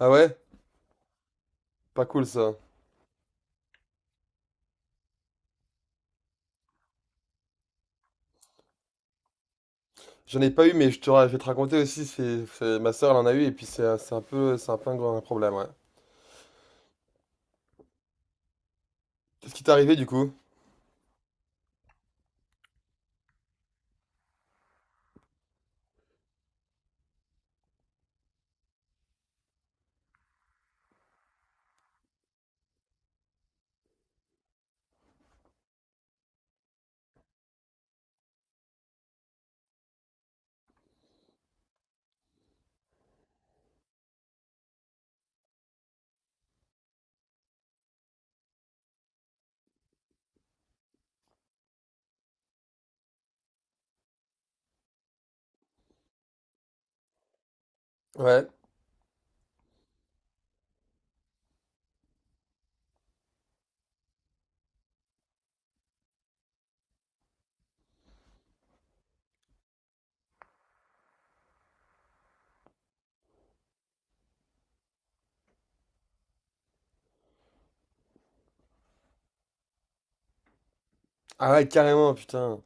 Ah ouais? Pas cool ça. J'en ai pas eu, mais je vais te raconter aussi, ma soeur elle en a eu, et puis c'est un peu problème, ouais. Qu'est-ce qui t'est arrivé du coup? Ouais. Ah ouais, carrément, putain.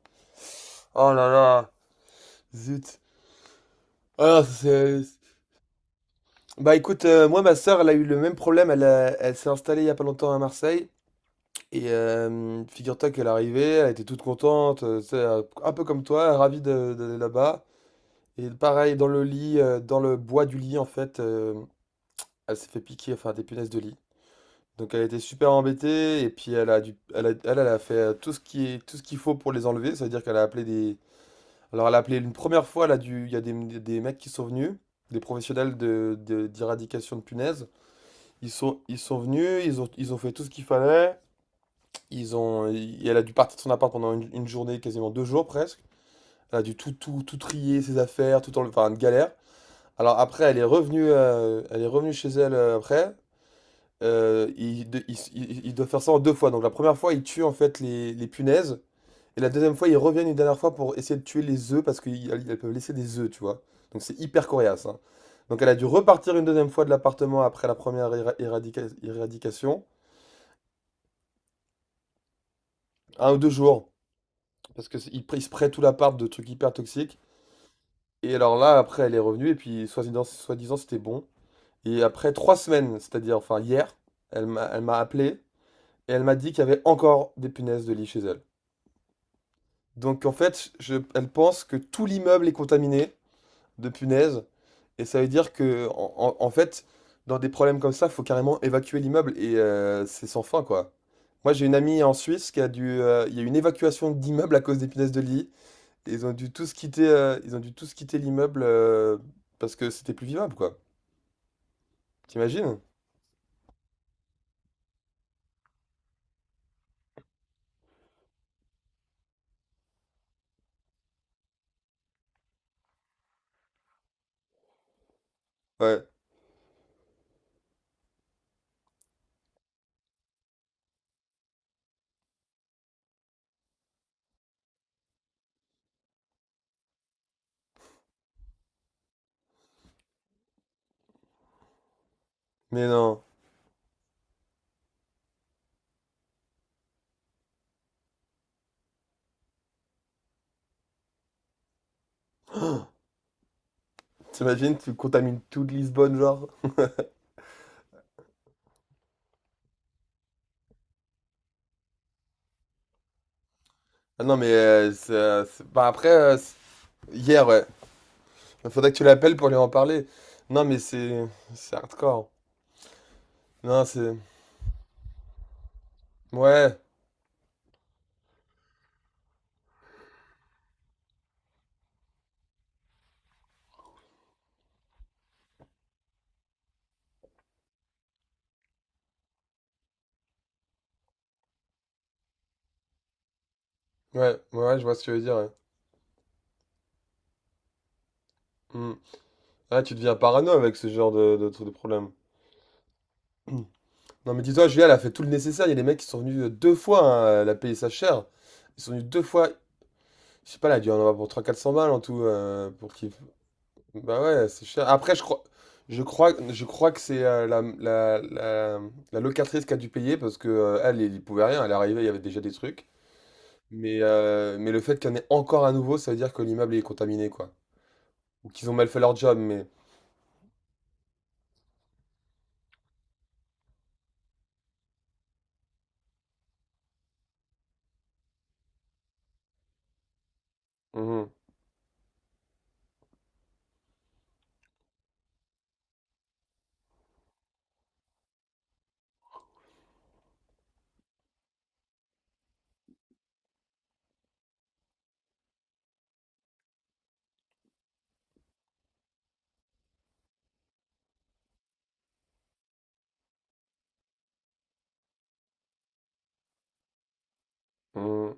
Oh là là, zut. Ah, c'est... Bah écoute, moi ma soeur elle a eu le même problème, elle s'est installée il y a pas longtemps à Marseille, et figure-toi qu'elle est arrivée, elle était toute contente, tu sais, un peu comme toi, d'aller là-bas. Et pareil, dans le lit, dans le bois du lit en fait, elle s'est fait piquer, enfin des punaises de lit. Donc elle était super embêtée et puis elle a dû, elle a, elle, elle a fait tout ce qu'il faut pour les enlever. Ça veut dire qu'elle a appelé des, alors elle a appelé une première fois, elle a dû, il y a des mecs qui sont venus, des professionnels d'éradication de punaises. Ils sont venus, ils ont fait tout ce qu'il fallait. Et elle a dû partir de son appart pendant une journée, quasiment 2 jours presque. Elle a dû tout trier ses affaires, tout enlever, enfin une galère. Alors après, elle est revenue chez elle après. Il, de- il s- il- Il doit faire ça en 2 fois. Donc la première fois, il tue en fait les punaises. Et la deuxième fois, il revient une dernière fois pour essayer de tuer les œufs parce qu'elles peuvent laisser des œufs, tu vois. Donc c'est hyper coriace, hein. Donc elle a dû repartir une deuxième fois de l'appartement après la première éradication. 1 ou 2 jours. Parce que il spray tout l'appart de trucs hyper toxiques. Et alors là, après, elle est revenue et puis soi-disant, c'était bon. Et après 3 semaines, c'est-à-dire enfin hier, elle m'a appelé et elle m'a dit qu'il y avait encore des punaises de lit chez elle. Donc en fait, elle pense que tout l'immeuble est contaminé de punaises. Et ça veut dire que, en fait, dans des problèmes comme ça, faut carrément évacuer l'immeuble. Et c'est sans fin, quoi. Moi, j'ai une amie en Suisse qui a dû. Il y a eu une évacuation d'immeuble à cause des punaises de lit. Et ils ont dû tous quitter l'immeuble parce que c'était plus vivable, quoi. T'imagines? Ouais. Mais non. T'imagines, tu contamines toute Lisbonne, genre. Ah non, mais bah, après, hier, ouais. Il faudrait que tu l'appelles pour lui en parler. Non, mais c'est hardcore. Non, c'est. Ouais, ouais, ouais, je vois ce que tu veux dire, ouais. Hmm. Ah, tu deviens parano avec ce genre de problème. Mm. Non, mais dis-toi, Julia, elle a fait tout le nécessaire. Il y a des mecs qui sont venus 2 fois, hein, elle a payé sa chère. Ils sont venus 2 fois. Je sais pas, elle a dû en avoir pour 300-400 balles en tout. Pour qu'ils. Bah ouais, c'est cher. Après, je crois. Je crois que c'est la locatrice qui a dû payer parce que il pouvait rien. Elle est arrivée, il y avait déjà des trucs. Mais le fait qu'il y en ait encore à nouveau, ça veut dire que l'immeuble est contaminé, quoi. Ou qu'ils ont mal fait leur job, mais mmh, mh, mmh.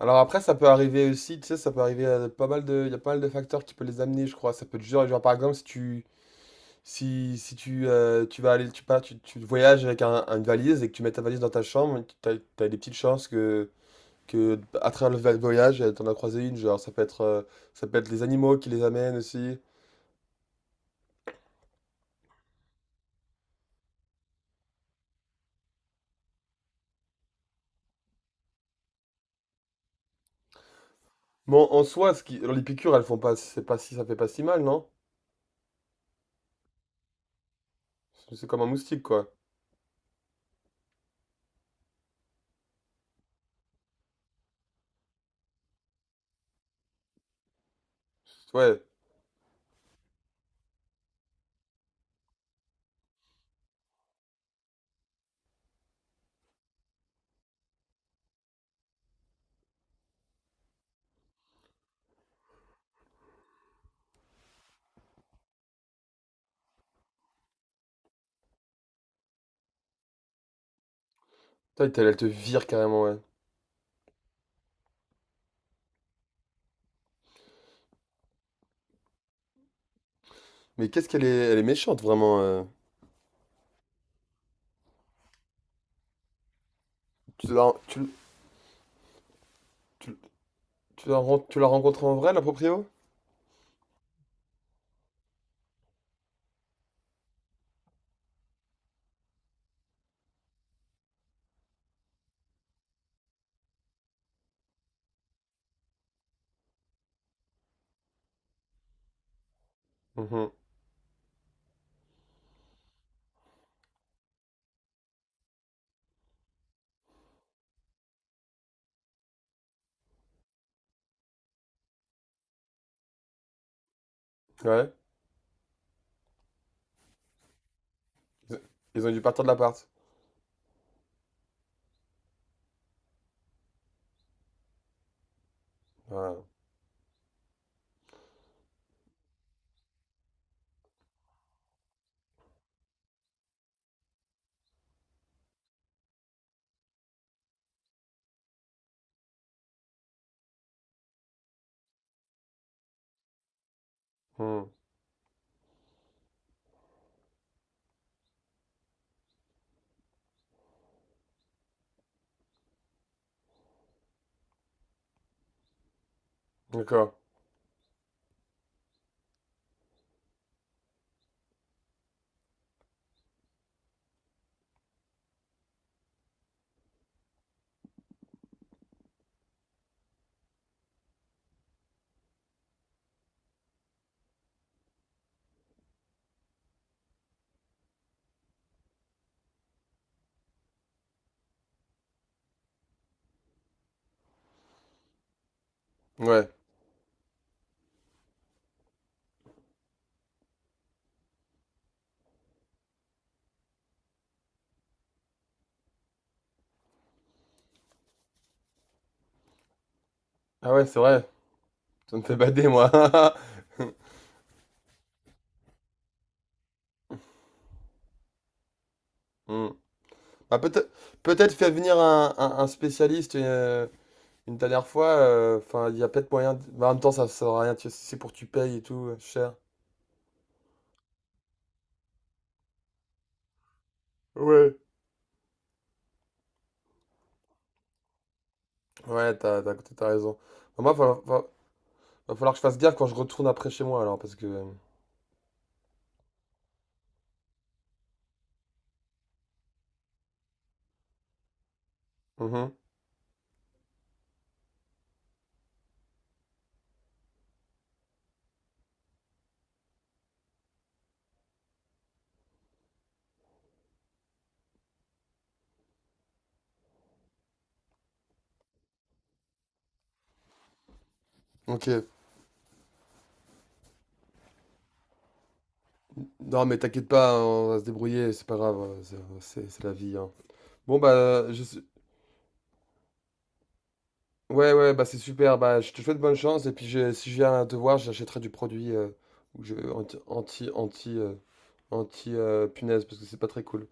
Alors après, ça peut arriver aussi, tu sais, ça peut arriver à pas mal de il y a pas mal de facteurs qui peut les amener, je crois. Ça peut être genre, par exemple, si tu si si tu, tu vas aller tu pars tu tu voyages avec un une valise et que tu mets ta valise dans ta chambre, t'as as des petites chances que à travers le va voyage, tu en as croisé une. Genre, ça peut être les animaux qui les amènent aussi. Bon, en soi, ce qui alors les piqûres, elles font pas, c'est pas si, ça fait pas si mal, non? C'est comme un moustique, quoi. Ouais. Putain, elle te vire carrément, ouais. Mais qu'est-ce qu'elle est... Elle est méchante, vraiment. Tu la tu, l- tu, l- tu la ren- Tu l'as rencontrée en vrai, la proprio? Mhm. Ouais. Ils ils ont dû partir de l'appart. Ouais. Hmm. D'accord. Ouais. Ah ouais, c'est vrai. Ça me fait bader, moi. Hmm. Bah, peut-être faire venir un spécialiste une dernière fois. Enfin, il y a peut-être moyen. Mais en même temps, ça ne sert à rien. C'est pour que tu payes et tout, cher. Ouais. Ouais, t'as raison. Bah, moi, va falloir que je fasse gaffe quand je retourne après chez moi, alors, parce que. Mhm. Ok. Non, mais t'inquiète pas, on va se débrouiller, c'est pas grave, c'est la vie, hein. Bon, bah, ouais, ouais, bah, c'est super, bah, je te souhaite bonne chance, et puis si je viens te voir, j'achèterai du produit ou je- anti, anti, anti, euh, Anti punaise, parce que c'est pas très cool.